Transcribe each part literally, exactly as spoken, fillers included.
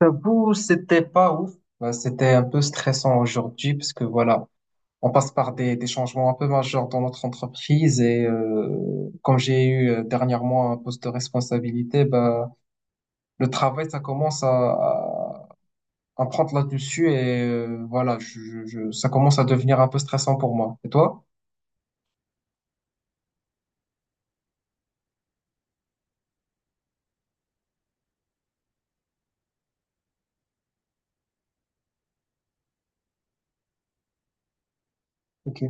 J'avoue, c'était pas ouf. Bah, c'était un peu stressant aujourd'hui parce que voilà, on passe par des, des changements un peu majeurs dans notre entreprise et euh, comme j'ai eu euh, dernièrement un poste de responsabilité, bah, le travail, ça commence à, à prendre là-dessus et euh, voilà, je, je, je- ça commence à devenir un peu stressant pour moi. Et toi? Ok.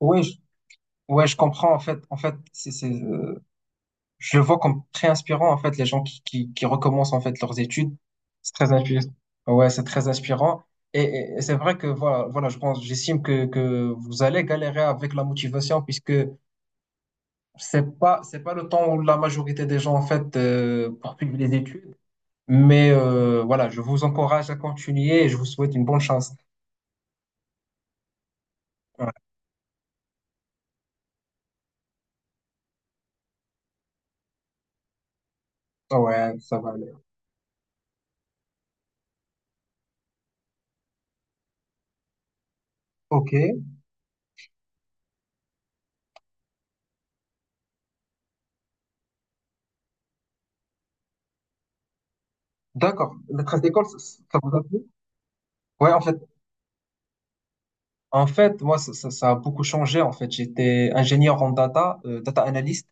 Oui, ouais, je comprends en fait. En fait, c'est, c'est, euh, je le vois comme très inspirant en fait les gens qui, qui, qui recommencent en fait leurs études. C'est très inspirant. Ouais, c'est très inspirant. Et, et- et c'est vrai que voilà, voilà, je pense, j'estime que, que vous allez galérer avec la motivation puisque c'est pas c'est pas le temps où la majorité des gens en fait euh, poursuivent les études. Mais euh, voilà, je vous encourage à continuer et je vous souhaite une bonne chance. Ouais, ouais, ça va aller. Ok, d'accord. La trace d'école, ça, ça vous a plu? Ouais, en fait. En fait, moi, ça, ça- ça a beaucoup changé. En fait, j'étais ingénieur en data, euh, data analyst,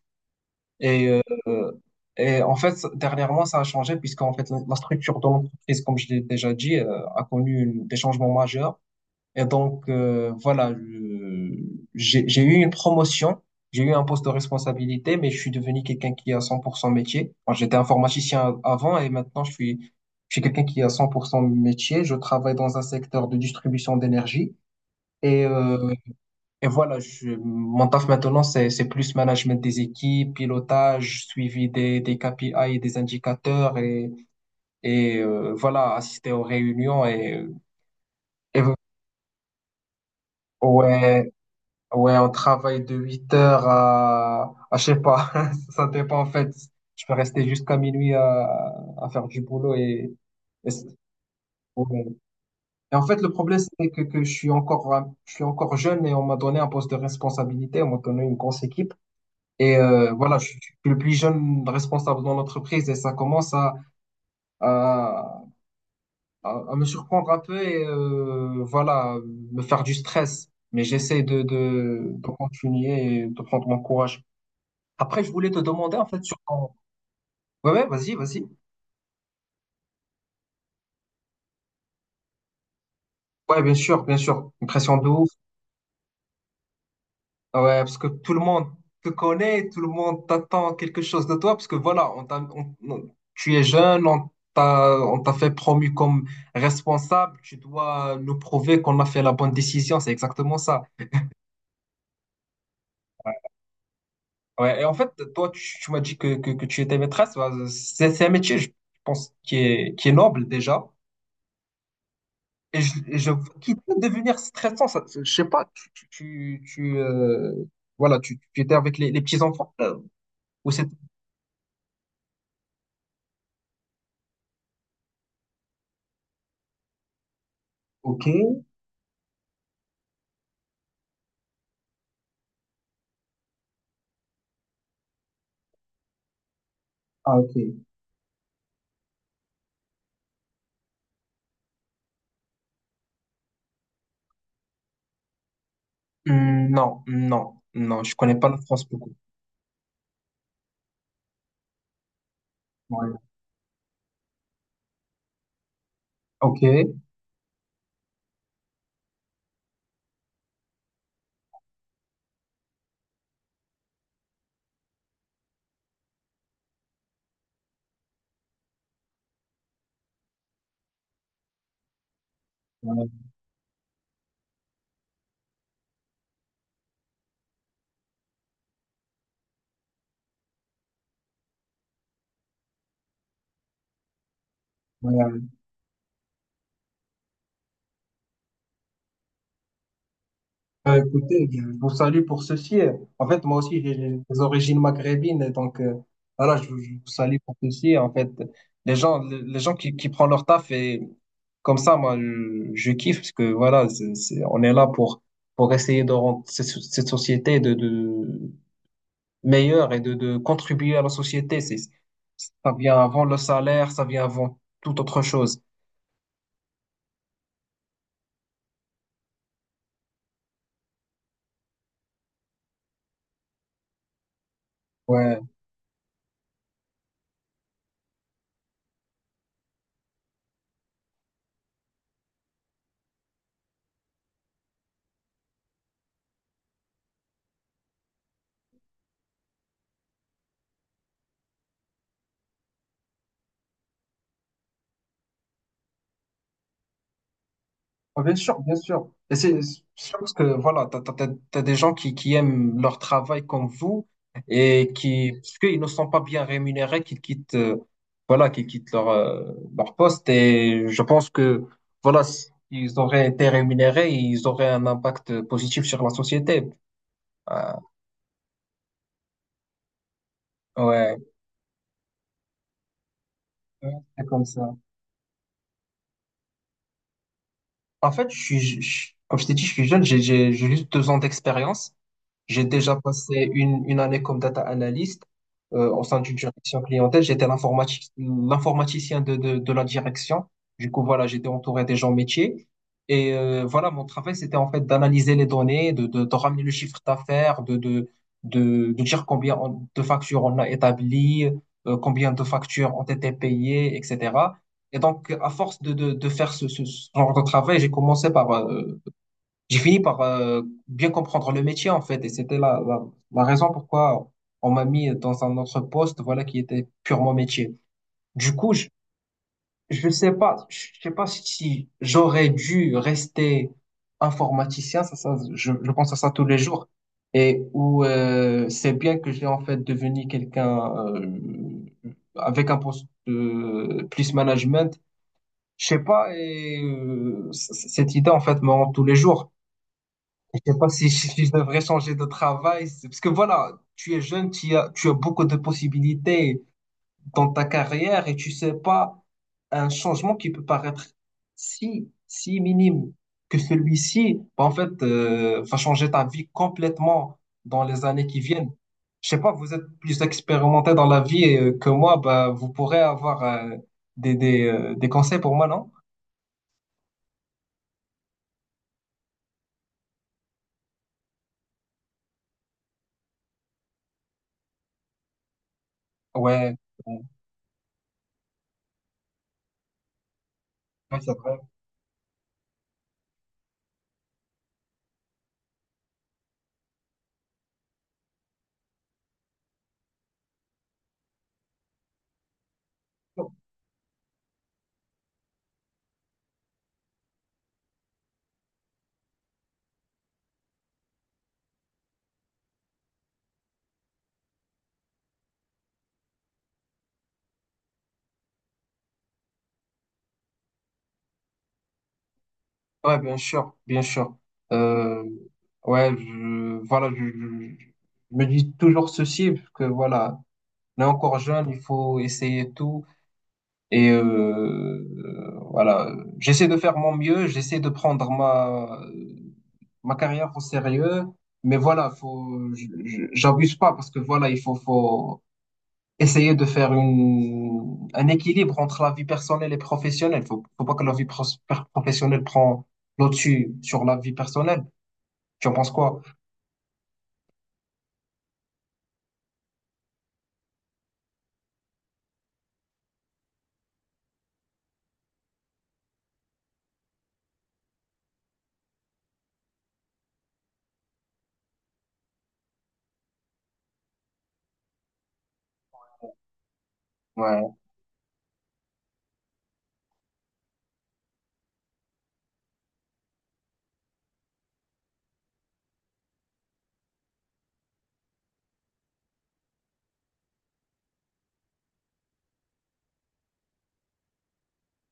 et, euh, et en fait, ça- dernièrement, ça a changé puisqu'en fait, la, la structure de l'entreprise, comme je l'ai déjà dit, euh, a connu une- des changements majeurs. Et donc, euh, voilà, je- j'ai, j'ai eu une promotion, j'ai eu un poste de responsabilité, mais je suis devenu quelqu'un qui a cent pour cent métier. Moi, j'étais informaticien avant et maintenant, je suis, je suis quelqu'un qui a cent pour cent métier. Je travaille dans un secteur de distribution d'énergie. Et euh, et voilà, je, mon taf maintenant, c'est, c'est plus management des équipes, pilotage, suivi des, des K P I et des indicateurs et, et euh, voilà, assister aux réunions. Et, et ouais, ouais, on travaille de huit heures à, à je sais pas, ça dépend en fait. Je peux rester jusqu'à minuit à, à faire du boulot. et, et, c'est- ouais. Et en fait, le problème, c'est que, que je suis encore, un- je suis encore jeune et on m'a donné un poste de responsabilité, on m'a donné une grosse équipe. Et euh, voilà, je suis le plus jeune responsable dans l'entreprise et ça commence à, à, à- à me surprendre un peu et euh, voilà, me faire du stress. Mais j'essaie de, de, de continuer et de prendre mon courage. Après, je voulais te demander en fait sur ton. Ouais, ouais, vas-y, vas-y. Ouais, bien sûr, bien sûr. Une pression de ouf. Ah, ouais, parce que tout le monde te connaît, tout le monde t'attend quelque chose de toi, parce que voilà, on t'a- on- on- tu es jeune, on t'a, on t'a fait promu comme responsable, tu dois nous prouver qu'on a fait la bonne décision, c'est exactement ça. Ouais, et en fait, toi, tu, tu m'as dit que, que, que tu étais maîtresse, bah, c'est c'est un métier, je pense, qui est, qui est noble déjà, et, je, et je- qui peut devenir stressant, ça, je sais pas, tu, tu, tu, tu, euh, voilà, tu, tu étais avec les, les petits-enfants, euh, ou c'est. Ok, ah, ok. Hmm, non, non, non, je connais pas la France beaucoup. Ouais. Ok. Ouais, ouais. Euh, écoutez, je vous salue pour ceci. En fait, moi aussi, j'ai j'ai des origines maghrébines, et donc euh, voilà, je, vous je vous salue pour ceci. En fait, les gens, les les gens qui, qui prennent leur taf et comme ça, moi, je, je kiffe parce que voilà, c'est, c'est- on est là pour pour essayer de rendre cette, so- cette société de, de meilleure et de, de contribuer à la société. C'est, ça vient avant le salaire, ça vient avant toute autre chose. Ouais. Ah, bien sûr, bien sûr. Et c'est sûr parce que voilà, t'as, t'as, t'as t'as des gens qui, qui aiment leur travail comme vous et qui, parce qu'ils ne sont pas bien rémunérés, qui quittent, euh, voilà, qui quittent leur, euh, leur poste. Et je pense que, voilà, s'ils auraient été rémunérés, ils auraient un impact positif sur la société. Ah, ouais, ouais, c'est comme ça. En fait, je suis, je- je- comme je t'ai dit, je suis jeune, j'ai j'ai- j'ai juste deux ans d'expérience. J'ai déjà passé une, une année comme data analyst euh, au sein d'une direction clientèle. J'étais l'informatic- l'informaticien de, de, de la direction. Du coup, voilà, j'étais entouré des gens métiers. Et euh, voilà, mon travail, c'était en fait d'analyser les données, de, de, de ramener le chiffre d'affaires, de, de, de, de dire combien on- de factures on a établies, euh, combien de factures ont été payées, et cetera. Et donc, à force de, de, de faire ce, ce ce genre de travail, j'ai commencé par, euh, j'ai fini par euh, bien comprendre le métier en fait et c'était la, la, la raison pourquoi on m'a mis dans un autre poste voilà qui était purement métier. Du coup, je je sais pas je sais pas si j'aurais dû rester informaticien ça ça je, je pense à ça tous les jours et où euh, c'est bien que j'ai en fait devenu quelqu'un euh, avec un poste de plus management. Je sais pas et euh, c- c- cette idée en fait me hante tous les jours. Je sais pas si, si je devrais changer de travail. c'est- Parce que voilà, tu es jeune, tu as, tu as beaucoup de possibilités dans ta carrière et tu sais pas un changement qui peut paraître si, si minime que celui-ci, bah, en fait, euh, va changer ta vie complètement dans les années qui viennent. Je sais pas, vous êtes plus expérimenté dans la vie euh, que moi, bah, vous pourrez avoir euh, des, des, euh, des conseils pour moi, non? Ouais, ouais, ouais, c'est vrai. Ouais, bien sûr, bien sûr. Euh, ouais, je, voilà, je, je- je me dis toujours ceci, parce que voilà, on est encore jeune, il faut essayer tout. Et euh, voilà, j'essaie de faire mon mieux, j'essaie de prendre ma, ma carrière au sérieux, mais voilà, faut, je- je- j'abuse pas parce que voilà, il faut, faut, essayer de faire une, un équilibre entre la vie personnelle et professionnelle. Faut, faut pas que la vie pros- per- professionnelle prend le dessus sur la vie personnelle. Tu en penses quoi? Ouais.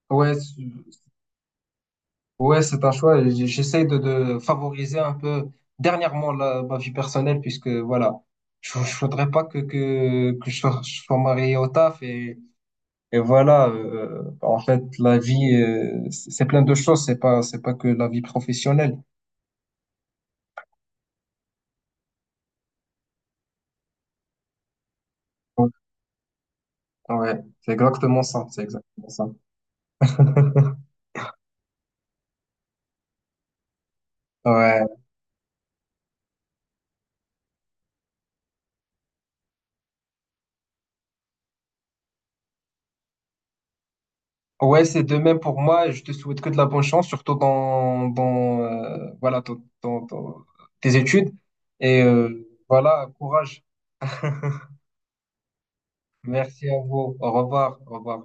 Ouais, c'est- Ouais, c'est un choix. j- J'essaie de, de favoriser un peu dernièrement la, ma vie personnelle puisque voilà, je, je voudrais pas que, que, que je sois, je sois marié au taf et, et voilà. Euh, euh, en fait, la vie, euh, c'est c'est plein de choses. C'est pas, c'est pas que la vie professionnelle. Ouais, c'est exactement ça. C'est exactement ça. Ouais, ouais, c'est de même pour moi. Je te souhaite que de la bonne chance, surtout dans, dans euh, voilà, dans, dans- dans tes études. Et euh, voilà, courage. Merci à vous. Au revoir. Au revoir.